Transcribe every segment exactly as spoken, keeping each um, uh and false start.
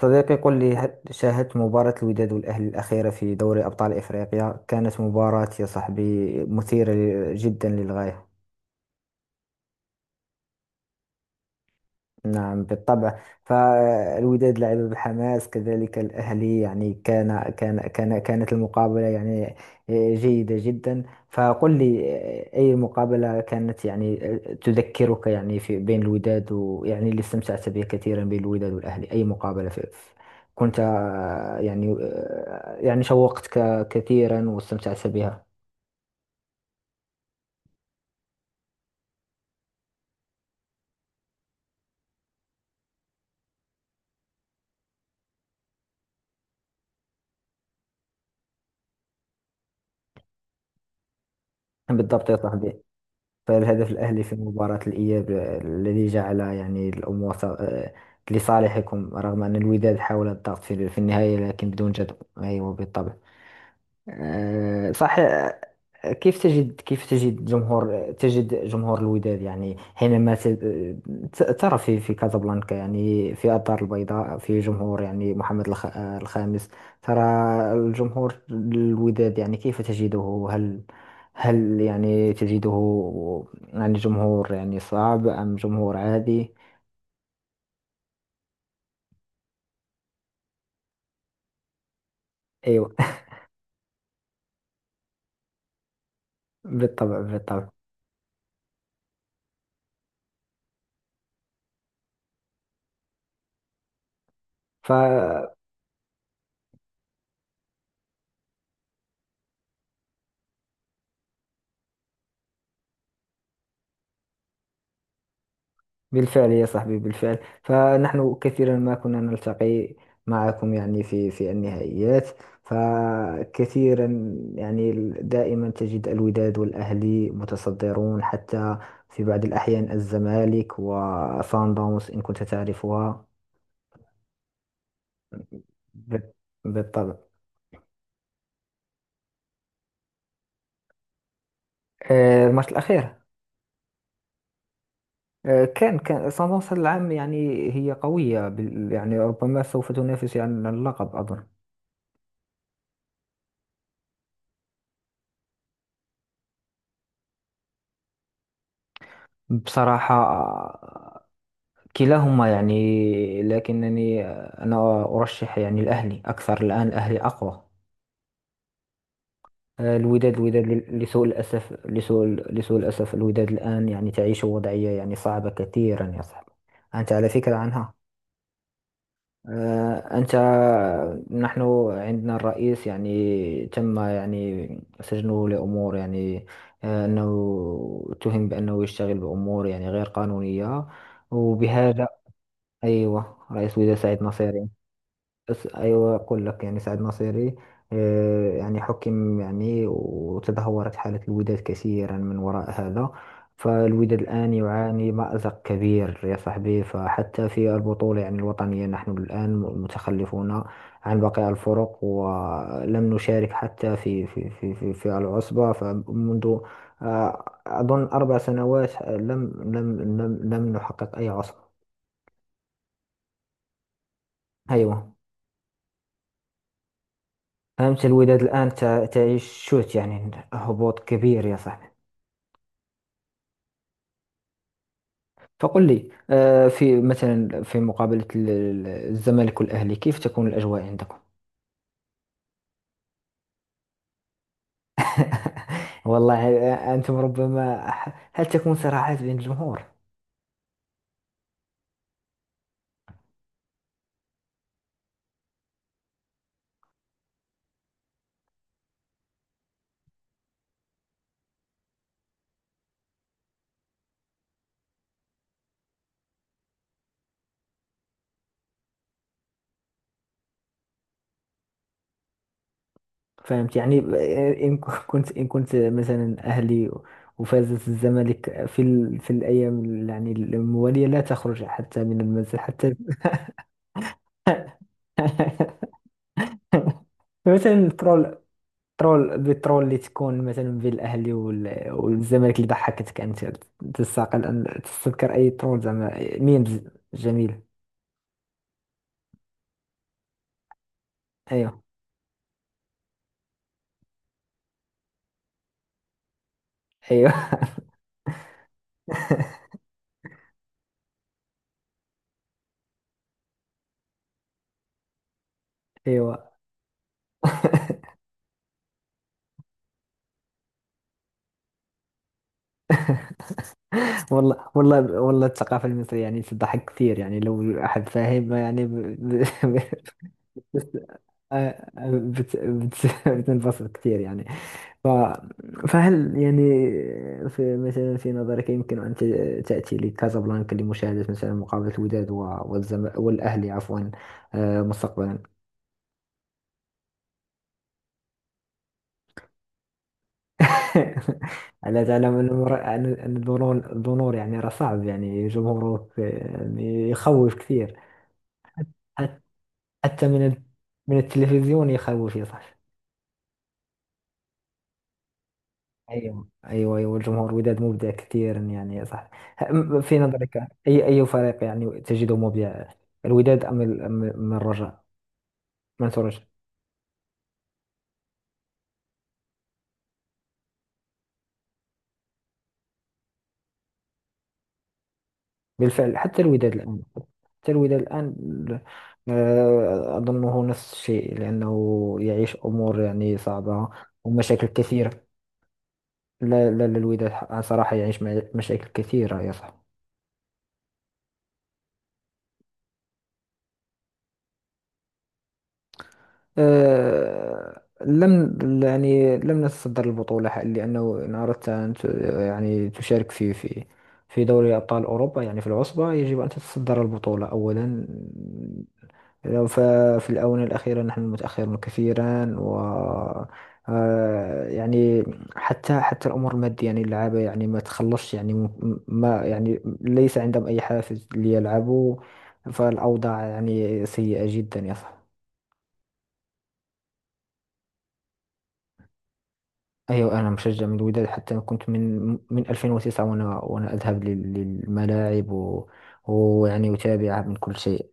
صديقي قل لي، هل شاهدت مباراة الوداد والأهلي الأخيرة في دوري أبطال إفريقيا؟ كانت مباراة يا صاحبي مثيرة جدا للغاية. نعم بالطبع. فالوداد لعب بحماس، كذلك الأهلي، يعني كان كان كان كانت المقابلة يعني آه، جيدة جدا. فقل لي، آه، أي مقابلة كانت يعني آه، تذكرك يعني في بين الوداد، ويعني اللي استمتعت به كثيرا بين الوداد والأهلي؟ أي مقابلة في في- كنت آه، يعني آه، يعني شوقتك كثيرا واستمتعت بها؟ بالضبط يا صاحبي. فالهدف الأهلي في مباراة الإياب آه، الذي جعل يعني الأمور ت- آه، لصالحكم، رغم أن الوداد حاول الضغط في في النهاية لكن بدون جدوى. أيوة بالطبع. آه، صح آه، كيف تجد كيف تجد جمهور تجد جمهور الوداد يعني حينما ت- ت- ترى في في كازابلانكا، يعني في الدار البيضاء، في جمهور يعني محمد الخ- آه، الخامس ترى الجمهور الوداد يعني كيف تجده؟ هل هل يعني تجده يعني جمهور يعني صعب أم جمهور عادي؟ أيوة بالطبع. بالطبع بالفعل يا صاحبي، بالفعل. فنحن كثيرا ما كنا نلتقي معكم يعني في في النهائيات، فكثيرا يعني دائما تجد الوداد والأهلي متصدرون، حتى في بعض الأحيان الزمالك وصن داونز، إن كنت تعرفها. بال- بالطبع. آه، الماتش الأخير، آه، كان كان صن داونز هذا العام يعني هي قوية بال- يعني ربما سوف تنافس يعني على اللقب أظن. بصراحة، كلاهما يعني، لكنني آه، أنا أرشح يعني الأهلي أكثر. الآن الأهلي أقوى. آه، الوداد الوداد لل- لسوء الأسف، لسوء ال- لسوء الأسف الوداد الآن يعني تعيش وضعية يعني صعبة كثيرا يا صاحبي. أنت على فكرة عنها؟ آه، أنت، نحن عندنا الرئيس يعني تم يعني سجنه لأمور يعني آه، أنه اتهم بأنه يشتغل بأمور يعني غير قانونية، وبهذا. أيوة، رئيس وزراء سعيد نصيري. أس- أيوة أقول لك، يعني سعد ناصيري آه، يعني حكم، يعني وتدهورت حالة الوداد كثيرا من وراء هذا. فالوداد الآن يعاني مأزق كبير يا صاحبي، فحتى في البطولة يعني الوطنية نحن الآن متخلفون عن باقي الفرق، ولم نشارك حتى في في في في, في العصبة، فمنذ آه، أظن أربع سنوات آه، لم لم لم لم نحقق أي عصبة. أيوة. أمس الوداد الآن تع- تعيش شوط يعني هبوط كبير يا صاحبي. فقل لي آه، في مثلا في مقابلة ال- ال- الزمالك والأهلي، كيف تكون الأجواء عندكم؟ والله. آه، أنتم ربما ح- هل تكون صراعات بين الجمهور؟ فهمت يعني آه، إن ك- كنت إن كنت مثلا أهلي وفازت الزمالك في ال... في الأيام ال- يعني الموالية، لا تخرج حتى من المنزل حتى مثلا البرو ترول بالترول اللي تكون مثلا بين الاهلي وال- والزمالك، اللي ضحكتك انت تستقل ان تستذكر اي ترول زعما ميمز؟ جميل. ايوه ايوه ايوه والله والله والله، الثقافه المصريه يعني تضحك كثير يعني لو احد فاهم يعني ب... ب... آه، بت... بت... بتنبسط كثير يعني. ف... فهل يعني في مثلا في نظرك يمكن أن ت- تأتي لكازابلانكا لمشاهدة مثلا مقابلة الوداد و... والزم... والأهلي عفوا، آه، مستقبلا؟ ألا تعلم أن المر- أن أن الدنور، الدنور يعني راه صعب يعني جمهورك آه، يعني يخوف كثير، حت- حتى من ال... من التلفزيون يخوف يا صاحبي. ايوه ايوه ايوه، الجمهور وداد مبدع كثيرا يعني، صح؟ م- في نظرك اي اي فريق يعني تجده مبدع، الوداد ام ال- ام أم الرجاء؟ منصور الرجاء. بالفعل. حتى الوداد الان، حتى الوداد الان آه، اظنه نفس الشيء، لانه يعيش امور يعني صعبه ومشاكل كثيره. لا لا لا، الوداد صراحه يعيش مع- مشاكل كثيره يا صاحبي. آه، لم يعني لم نتصدر البطولة، ح- لأنه إن أردت أن ت- يعني تشارك في في في دوري أبطال أوروبا يعني في العصبة، يجب أن تتصدر البطولة أولا. لو ففي الآونة الأخيرة نحن متأخرون كثيرا، و آه، يعني حتى حتى الأمور المادية يعني، اللعابة يعني ما تخلصش يعني، م- م- ما يعني ليس عندهم أي حافز ليلعبوا. فالأوضاع يعني سيئة جدا يا صاحبي. أيوة أنا مشجع من الوداد، حتى أنا كنت من من ألفين وتسعة، وأنا وأنا أذهب لل- للملاعب، و- ويعني أتابع من كل شيء.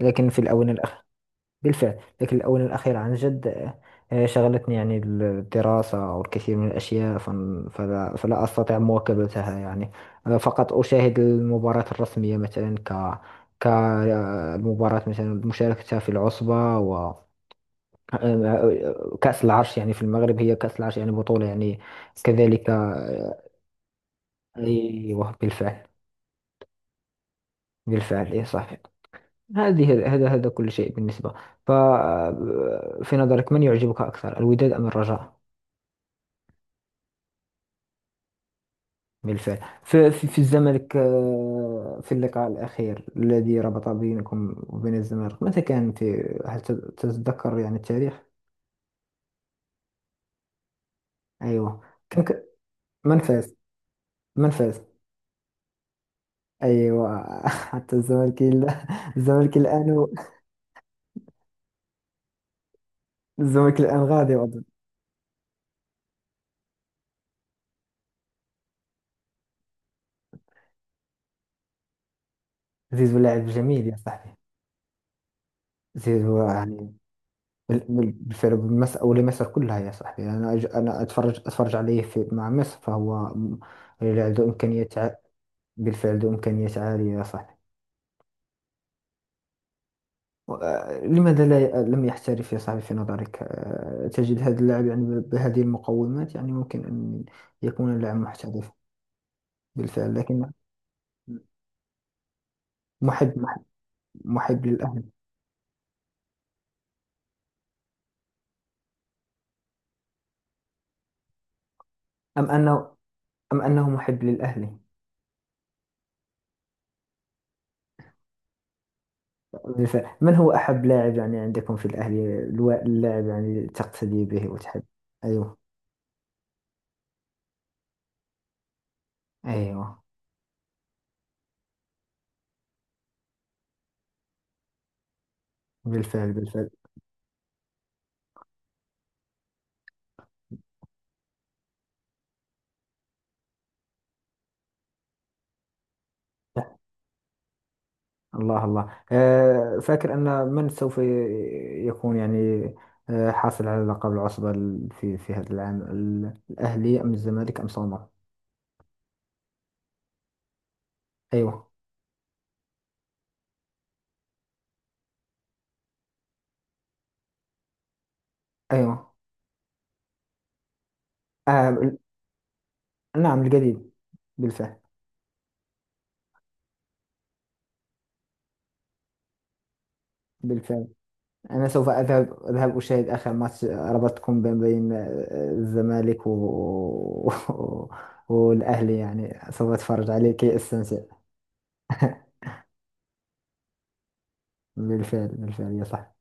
لكن في الآونة الأخيرة، بالفعل لكن الآونة الأخيرة عن جد، آه، شغلتني يعني الدراسة والكثير من الأشياء، فن- فلا, فلا أستطيع مواكبتها يعني. آه، فقط أشاهد المباراة الرسمية، مثلا ك كالمباراة مثلا مشاركتها في العصبة آه، آه، كأس العرش. يعني في المغرب هي كأس العرش يعني بطولة يعني كذلك آه، أيوه بالفعل. بالفعل إيه صحيح. هذه هذا هذا كل شيء بالنسبة. ف آه، في نظرك من يعجبك أكثر، الوداد أم الرجاء؟ بالفعل. في, في, في الزمالك آه، في اللقاء الأخير الذي ربط بينكم وبين الزمالك، متى كان؟ في هل تت- تتذكر يعني التاريخ؟ أيوه. كان ك- من فاز؟ من فاز؟ أيوه حتى الزمالك ال- الزمالك الآن، الزمالك الآن غادي أظن. زيزو لاعب جميل يا صاحبي. زيزو يعني بال- بال- بالفعل بمصر، أو لمصر كلها يا صاحبي. أنا أج- أنا أتفرج أتفرج عليه في مع مصر، فهو م- لاعب ذو إمكانيات ع- بالفعل ذو إمكانيات عالية يا صاحبي. و- آه، لماذا لا ي- لم يحترف يا صاحبي في نظرك؟ آه، تجد هذا اللاعب يعني ب- بهذه المقومات، يعني ممكن أن يكون لاعب محترف. بالفعل، لكن محب محب محب للأهلي. أم أنه، أم أنه محب للأهلي؟ بالفعل. من هو أحب لاعب يعني عندكم في الأهلي، الو- اللاعب يعني تقتدي به وتحب؟ أيوه أيوه. بالفعل بالفعل. الله الله. آه، فاكر أن من سوف ي- يكون يعني آه، حاصل على لقب العصبة ال- في في هذا العام، ال- الأهلي أم الزمالك أم سومر؟ أيوه أيوه. آه، ال- نعم القديم. بالفعل بالفعل. أنا سوف أذهب أذهب أشاهد آخر ماتش رباط كومبين بين آه، الزمالك و... والأهلي، يعني سوف أتفرج عليه كي أستمتع بالفعل بالفعل يا صاحبي.